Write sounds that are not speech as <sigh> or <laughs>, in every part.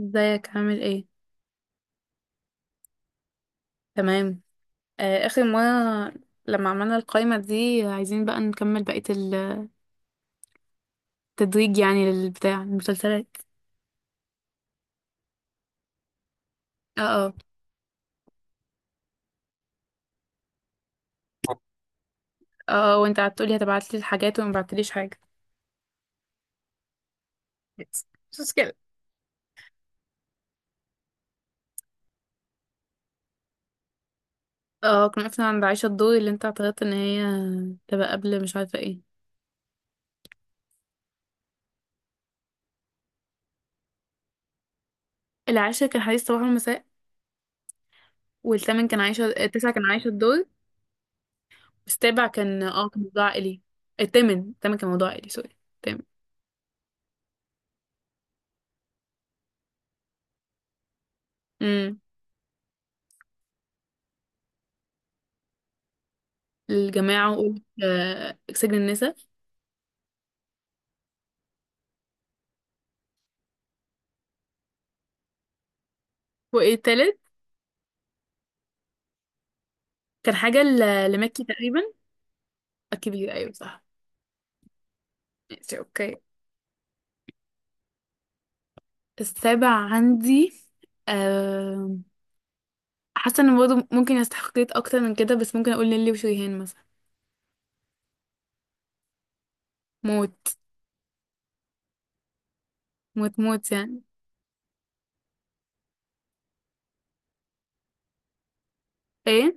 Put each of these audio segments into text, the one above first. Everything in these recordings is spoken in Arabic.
ازيك عامل ايه؟ تمام. آه، اخر مره لما عملنا القائمه دي عايزين بقى نكمل بقيه التدريج يعني للبتاع المسلسلات. اه اه، اه اه، وانت قعدت تقولي هتبعتلي الحاجات وما بعتليش حاجه. بس مش مشكله. اه، كنا وقفنا عند عائشه الدور اللي انت اعترضت ان هي تبقى قبل، مش عارفه ايه. العاشر كان حديث صباح والمساء، والثامن كان عايشه، التاسع كان عايشه الدور. السابع كان موضوع عائلي. الثامن كان موضوع عائلي، سوري. الثامن. امم الجماعه. وقلت آه سجن النساء. وايه التالت؟ كان حاجة لمكي تقريبا. الكبير، ايوه صح. ماشي، اوكي. السابع عندي. أم، حاسة ان برضه ممكن يستحقيت اكتر من كده، بس ممكن اقول نيلي وشريهان مثلا. موت. موت موت يعني. ايه؟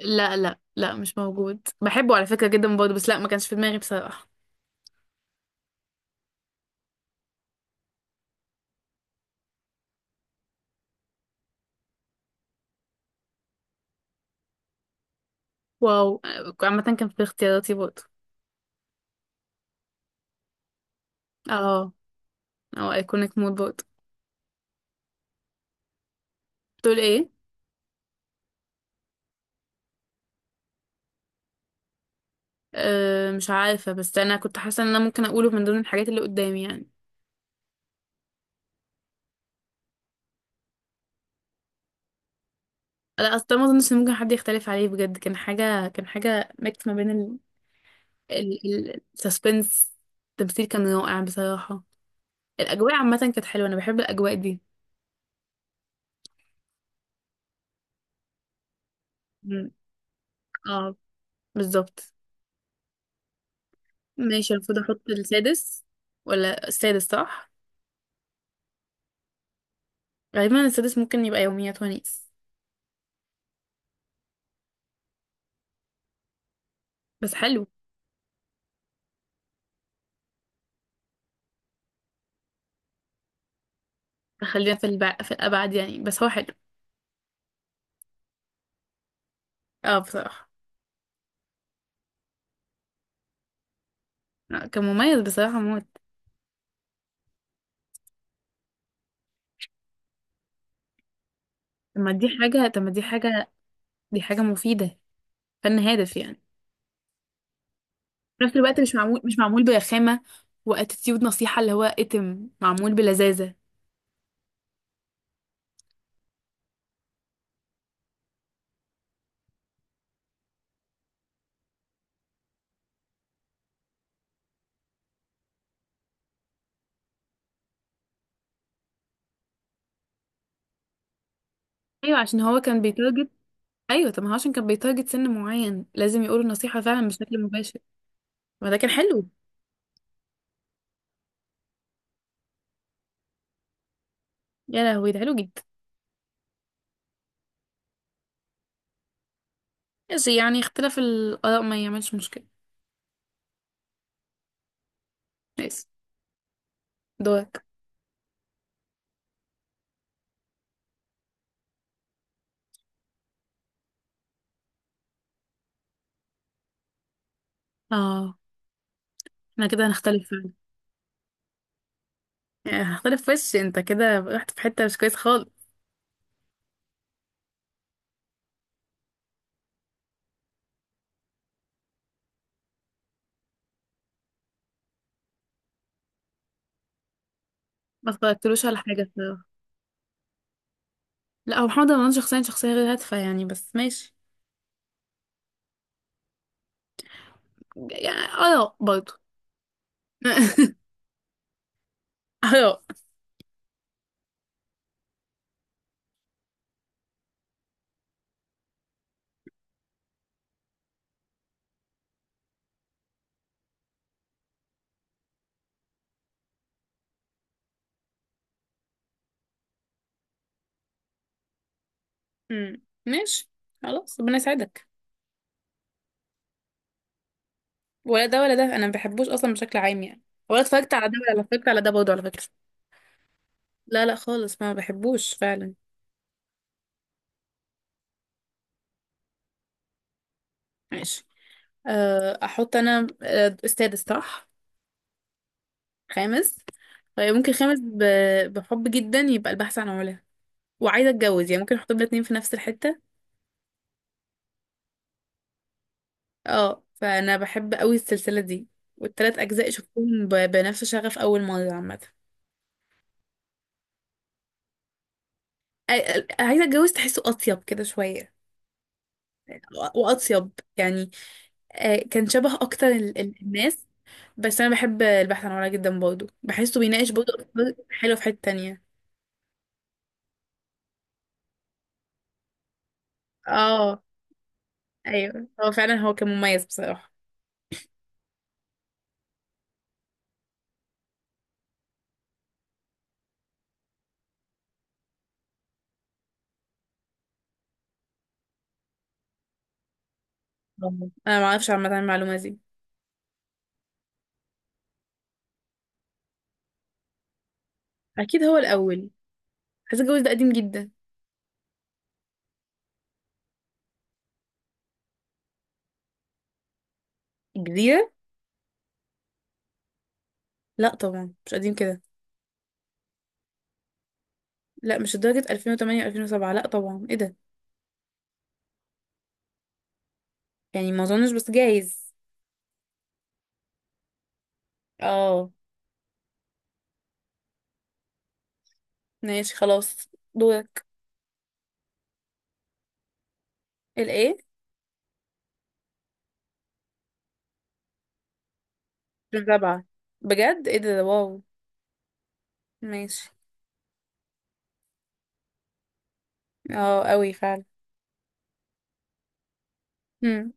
لا لا لا، مش موجود، بحبه على فكرة جدا برضه، بس لا، ما كانش في دماغي بصراحة. واو. عامة كان في اختياراتي برضه. اه، او ايكونيك مود برضه. تقول ايه؟ أه مش عارفة، بس انا كنت حاسة ان انا ممكن اقوله من ضمن الحاجات اللي قدامي يعني. لا، اصل ده ما اظنش ان ممكن حد يختلف عليه بجد، كان حاجه ميكس ما بين السسبنس. التمثيل كان رائع بصراحه. الاجواء عامه كانت حلوه، انا بحب الاجواء دي. مم. اه، بالظبط. ماشي، المفروض احط السادس، ولا السادس صح. غالبا السادس ممكن يبقى يوميات ونيس، بس حلو. خلينا في الابعد يعني، بس هو حلو. اه بصراحه. لا، كان مميز بصراحه موت. طب ما دي حاجه، دي حاجه مفيده. فن هادف يعني، في نفس الوقت مش معمول برخامة واتيتيود نصيحة، اللي هو اتم معمول بلذاذة. ايوه، عشان هو كان بيتارجت. ايوه، طب ما هو عشان كان بيتارجت سن معين لازم يقول النصيحة فعلا بشكل مباشر. ما ده كان حلو. يا لهوي ده حلو جدا. بس يعني اختلاف الآراء ما يعملش مشكلة. ماشي. دورك. اه، احنا كده هنختلف فعلا. يعني هنختلف، وش انت كده رحت في حتة مش كويس خالص. ما اتفرجتلوش على حاجة الصراحة. لا، هو محمد رمضان شخصيا شخصية غير هادفة يعني، بس ماشي. يعني آراء برضه. <laughs> آراء. امم، ماشي. خلاص، ربنا يساعدك. ولا ده ولا ده، انا ما بحبوش اصلا بشكل عام يعني. ولا اتفرجت على ده ولا اتفرجت على ده برضه، على فكره. لا لا خالص، ما بحبوش فعلا. ماشي. احط انا السادس صح. خامس. طيب ممكن خامس، بحب جدا، يبقى البحث عن علا. وعايزه اتجوز يعني، ممكن احط الاتنين في نفس الحته. اه، فانا بحب قوي السلسله دي، والتلات اجزاء شفتهم بنفس شغف اول مره عامه. عايزه اتجوز تحسه اطيب كده شويه، واطيب يعني. كان شبه اكتر الناس. بس انا بحب البحث عن ورا جدا برضه، بحسه بيناقش برضه أفكار حلوه في حته تانية. اه. ايوه، هو فعلا كان مميز بصراحه. آه. انا ما اعرفش عامه عن المعلومه دي. اكيد هو الاول. حاسه الجواز ده قديم جدا. الجزيره. لا طبعا مش قديم كده. لا، مش لدرجه 2008 و2007، لا طبعا، ايه ده؟ يعني ما اظنش، بس جايز. اه. ماشي خلاص، دورك. الايه؟ الرابعة؟ بجد، ايه ده، واو. ماشي. اه، قوي فعلا. امم.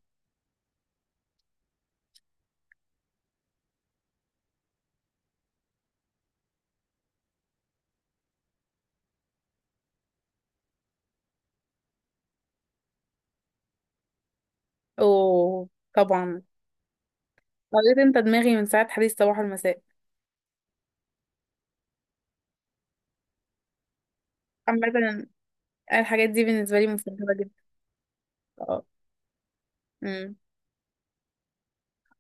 اوه، طبعا. قريت انت دماغي من ساعة حديث صباح المساء. عامة الحاجات دي بالنسبة لي مفضلة جدا. اه. امم.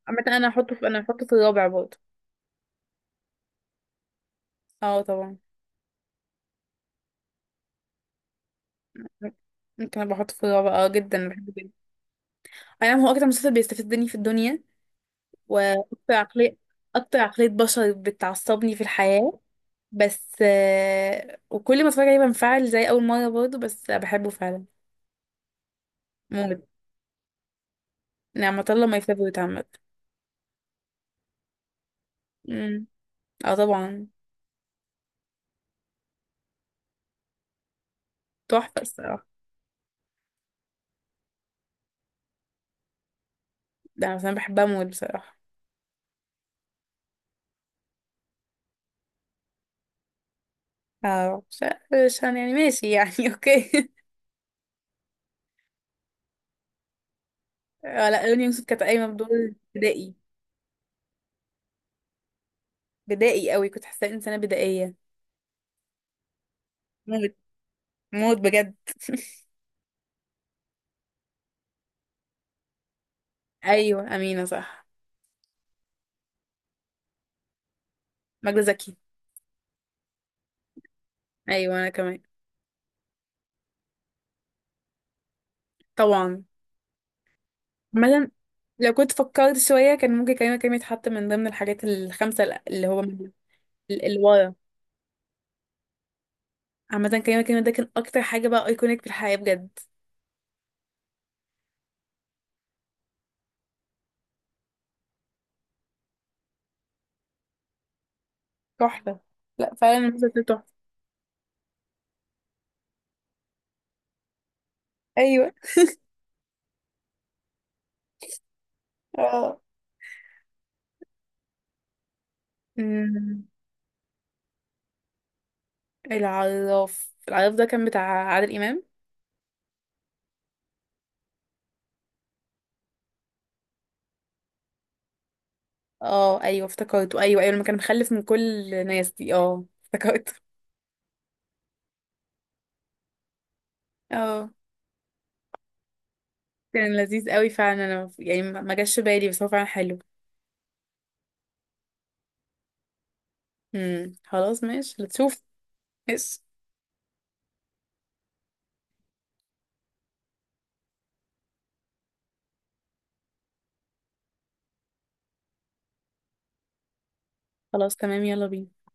عامة انا هحطه في الرابع برضه. اه طبعا. ممكن ابقى احطه في الرابع، اه جدا بحبه جدا. انا هو اكتر مسلسل بيستفزني في الدنيا، واكتر عقلية، اكتر عقلية بشر بتعصبني في الحياة. بس وكل ما اتفرج عليه بنفعل زي اول مره برضه، بس بحبه فعلا. موت. نعمة الله ماي فيفورت عامة. أمم. اه طبعا. تحفة الصراحة. ده انا مثلا بحبها موت بصراحة. اه، مش مش هن- يعني ماشي يعني. <laughs> اوكي. اه لا، رانيا يوسف كانت قايمة بدور بدائي. بدائي قوي، كنت حاساها انسانة بدائية. موت. موت بجد. <laughs> ايوه، امينة صح. ماجدة زكي. ايوه انا كمان. طبعا. مثلا لو كنت فكرت شوية كان ممكن كريمة كريم يتحط من ضمن الحاجات الخمسة اللي هو من اللي ورا. عامة كريمة كريم ده كان أكتر حاجة بقى أيكونيك في الحياة بجد. تحفة. لا فعلا المسلسل تحفة. أيوة. اه. أمم. العراف، العراف ده كان بتاع عادل إمام. اه أيوة افتكرته، أيوة أيوة لما كان مخلف من كل الناس دي، اه افتكرته. اه، كان لذيذ قوي فعلا، أنا يعني ما جاش بالي، بس هو فعلا حلو. خلاص ماشي هتشوف. ماشي. خلاص تمام، يلا بينا.